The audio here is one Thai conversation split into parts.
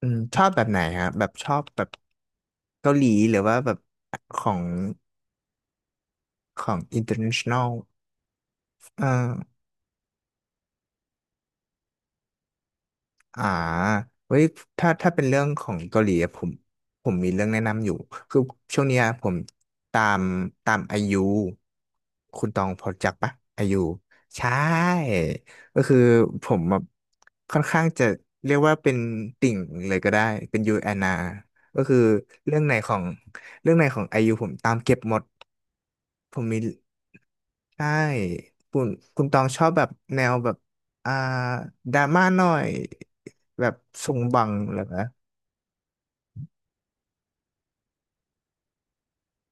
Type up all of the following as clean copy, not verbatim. อืมชอบแบบไหนฮะแบบชอบแบบเกาหลีหรือว่าแบบของของ international อ่า อ่าเว้ยถ้าเป็นเรื่องของเกาหลีอะผมมีเรื่องแนะนำอยู่คือช่วงเนี้ยผมตามตามไอยูคุณตองพอจักปะไอยูใช่ก็คือผมแบบค่อนข้างจะเรียกว่าเป็นติ่งเลยก็ได้เป็นยูแอนนาก็คือเรื่องไหนของเรื่องไหนของไอยูผมตามเก็บหมดผมมีใช่คุณคุณตองชอบแบบแนวแบบอ่าดราม่าหน่อย แบบซงบังเหรอนะ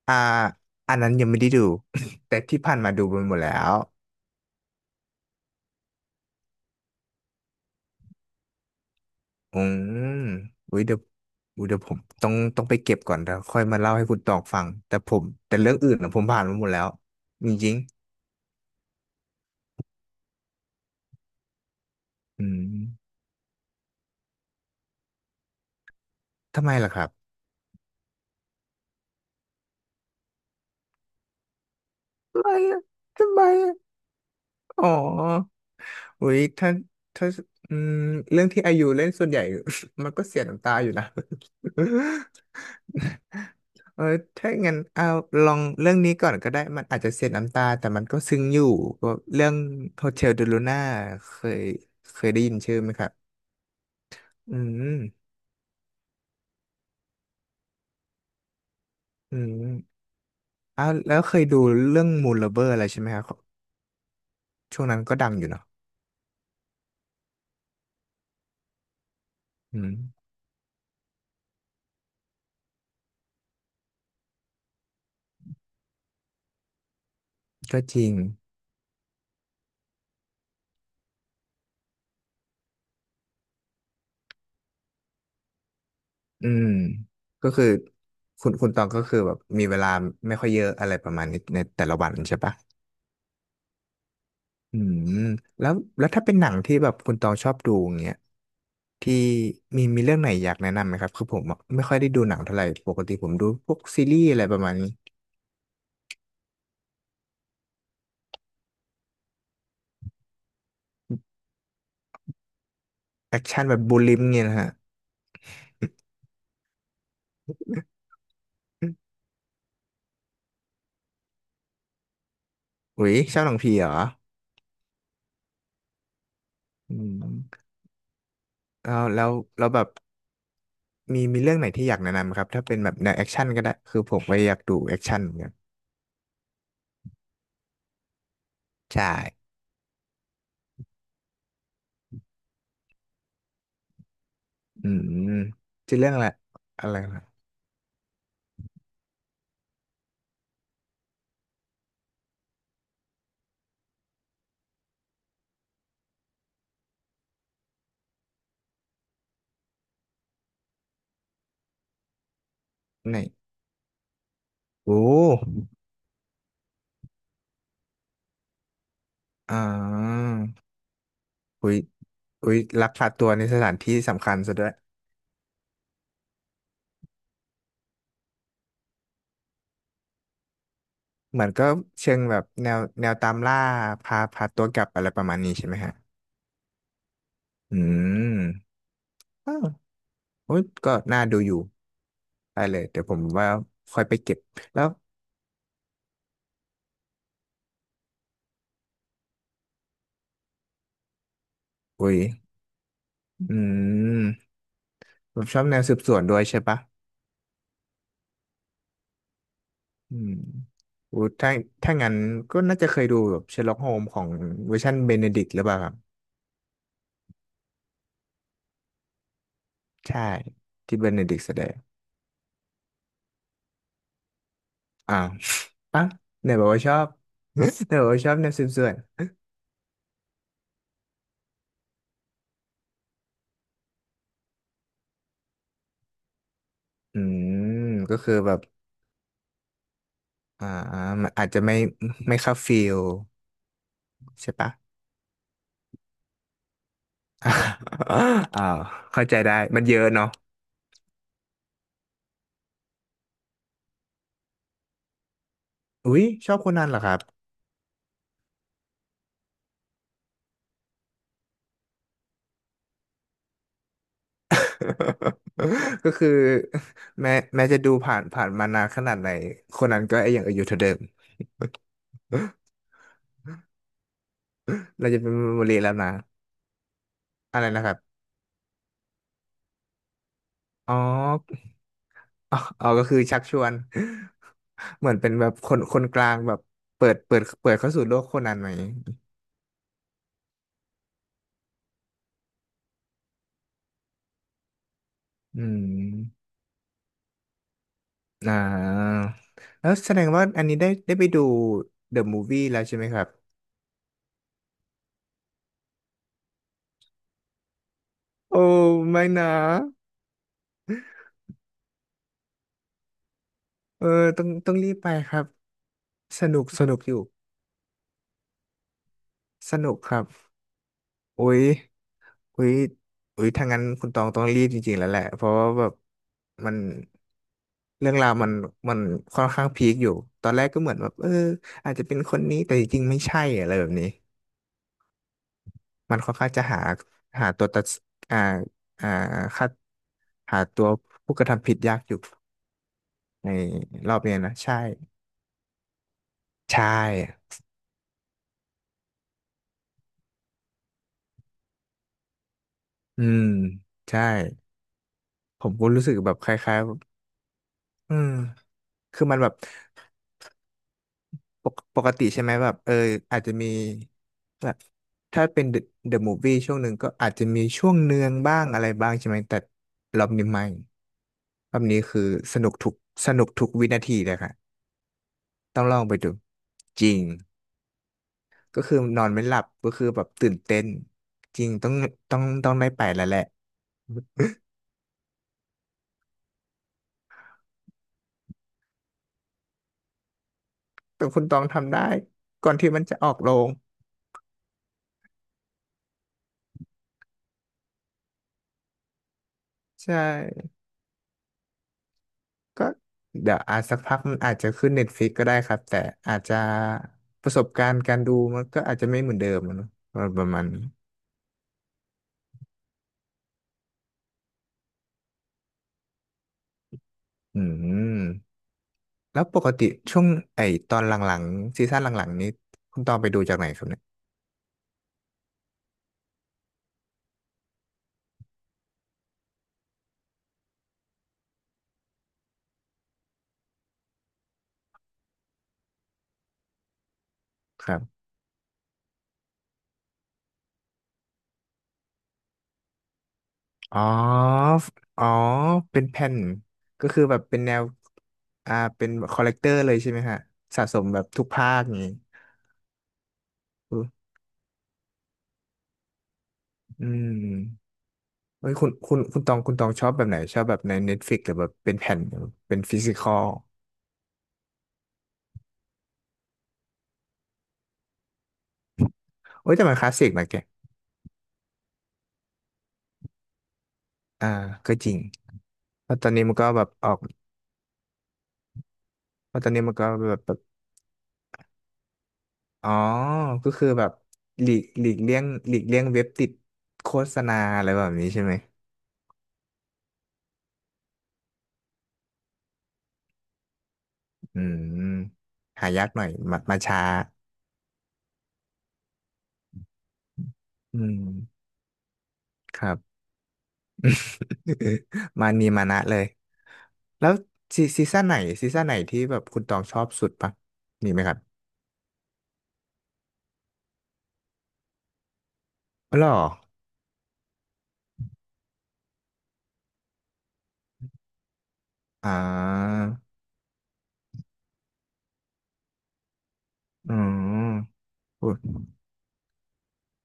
อ่าอันนั้นยังไม่ได้ดู แต่ที่ผ่านมาดูไปหมดแล้วอืมอุ้ยเดี๋ยวอุ้ยเดี๋ยวผมต้องไปเก็บก่อนแล้วค่อยมาเล่าให้คุณตองฟัง แต่ผมแต่เรื่องอื่นนะผมผ่านมาหมดแล้วจริงๆอืมทำไมล่ะครับ ทำไมอะทำไมอะอ๋อ อุ้ยถ้าอืมเรื่องที่อายุเล่นส่วนใหญ่ มันก็เสียน้ำตาอยู่นะ เออถ้างั้นเอาลองเรื่องนี้ก่อนก็ได้มันอาจจะเสียน้ำตาแต่มันก็ซึ้งอยู่ก็เรื่องโฮเทลเดลูน่าเคยเคยได้ยินชื่อไหมครับอืมอืมเอ้าแล้วเคยดูเรื่องมูน l ลเบอร์อะไรใช่ไหมครับช่วงนั้นก็ดังอยู่เนาะอืมก็จริง อืมก็คือคุณตองก็คือแบบมีเวลาไม่ค่อยเยอะอะไรประมาณนี้ในแต่ละวันใช่ปะอืมแล้วถ้าเป็นหนังที่แบบคุณตองชอบดูอย่างเงี้ยที่มีเรื่องไหนอยากแนะนำไหมครับคือผมอะไม่ค่อยได้ดูหนังเท่าไหร่ปกติผมดูพวกซีรีส์อะไรประมาณนี้แอคชั่นแบบบูลลิมเงี้ยนะฮะอุ๊ยชอบหนังผีเหรออืมแล้วแล้วแล้วแบบมีเรื่องไหนที่อยากแนะนำไหมครับถ้าเป็นแบบแนวแอคชั่นก็ได้คือผมก็อยากดูแอคชั่นเหมือนกันใช่อืมชื่อเรื่องอะไรอะไร ไหนโอ้อ่าอุ้ยอุ้ยลักพาตัวในสถานที่สำคัญซะด้วย เหมือนก็เชิงแบบแนวตามล่าพาตัวกลับอะไรประมาณนี้ใช่ไหมฮะ อืมอ้าวโอ้ยก็น่าดูอยู่ได้เลย เดี๋ยวผมว่าค่อยไปเก็บแล้วอุ้ยอืมผมชอบแนวสืบสวนด้วยใช่ปะ อืมอู้ถ้างั้นก็น่าจะเคยดูแบบเชอร์ล็อกโฮมของเวอร์ชันเบเนดิกต์หรือเปล่าครับใช่ที่เบเนดิกต์แสดงอ่า อ่ะไหนบอกว่าชอบ ไหนบอกว่าชอบแนวสืบสวนอืมก็คือแบบอ่ามันอาจจะไม่เข้าฟิลใช่ปะ อ้าวเข้าใจได้มันเยอะเนาะอุ๊ยชอบคนนั้นเหรอครับ ก็คือแม้แม้จะดูผ่านมานานขนาดไหน คนนั้นก็ยังอยู่เท่าเดิม เราจะเป็นเมมโมรีแล้วนะ อะไรนะครับอ๋ออ๋อ อ๋อก็คือชักชวน เหมือนเป็นแบบคนกลางแบบเปิดเข้าสู่โลกโคนันไหมอืมอ่าแล้วแสดงว่าอันนี้ได้ไปดู The Movie แล้วใช่ไหมครับโอ้ไม่นะเออต้องรีบไปครับ สนุกอยู่ สนุกครับโอ้ยโอ้ยอุ้ยถ้างั้นคุณตองต้องรีบจริงๆแล้วแหละ เพราะว่าแบบมันเรื่องราวมันค่อนข้างพีคอยู่ ตอนแรกก็เหมือนแบบเอออาจจะเป็นคนนี้แต่จริงๆไม่ใช่อะไรแบบนี้ มันค่อนข้างจะหาตัวตัดอ่าอ่าคัดหาตัวผู้กระทำผิดยากอยู่ในรอบเนี้ยนะใช่อืมใช่ผมก็รู้สึกแบบคล้ายๆอืมคือมันแบบปกติใช่ไหมแบบเอออาจจะมีแบบถ้าเป็นเดอะมูฟวี่ช่วงหนึ่งก็อาจจะมีช่วงเนืองบ้างอะไรบ้างใช่ไหมแต่รอบนี้ไม่รอบนี้คือสนุกทุกสนุกทุกวินาทีเลยค่ะต้องลองไปดูจริง ก็คือนอนไม่หลับก็คือแบบตื่นเต้นจริงต้องต้องได้ไปแล้วแหละแต่คุณต้องทำได้ก่อนที่มันจะออกโรงใช่ก็เดี๋ยวอาจสักพักมันอาจจะขึ้นเน็ตฟ i ิกก็ได้ครับแต่อาจจะประสบการณ์การดูมันก็อาจจะไม่เหมือนเดิมอะเนอะประมาณนี้อืมแล้วปกติช่วงไอ้ตอนหลังๆซีซั่นหลังๆนี้คุณตองไปดูจากไหนครับเนี่ยครับ อ๋อฟอ๋อ เป็นแผ่น ก็คือแบบเป็นแนว เป็นคอลเลกเตอร์เลยใช่ไหมฮะสะสมแบบทุกภาคอย่างงี้อืออืมเฮ้ยคุณตองชอบแบบไหน ชอบแบบใน Netflix หรือแบบเป็นแผ่นหรือเป็นฟิสิคอลโอ้ยแต่มันคลาสสิกนะแก อ่า ก็จริงเพราะตอนนี้มันก็แบบออกเพราะตอนนี้มันก็แบบอ๋อ ก็คือแบบหลีกเลี่ยงหลีกเลี่ยงเว็บติดโฆษณาอะไรแบบนี้ใช่ไหมอืมหายากหน่อยมาช้า อืมครับ มานีมานะเลยแล้วซีซีซั่นไหนซีซั่นไหนที่แบบคุณตองชอบสุดปะมีไหมครับอ๋อเหรออ่าอืมอุ๊ย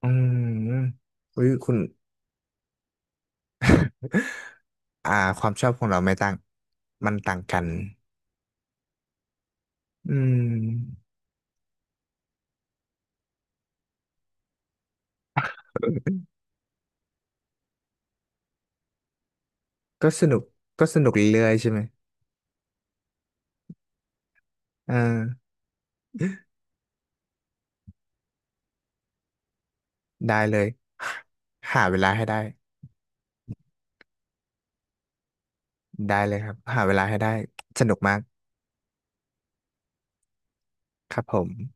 อืมอุ้ยคุณอ่าความชอบของเราไม่ต่างมันต่างกันอืมก็สนุกก็สนุกเรื่อยๆใช่ไหมเออได้เลยหาเวลาให้ได้ได้เลยครับหาเวลาให้ได้สนุกมากครับผม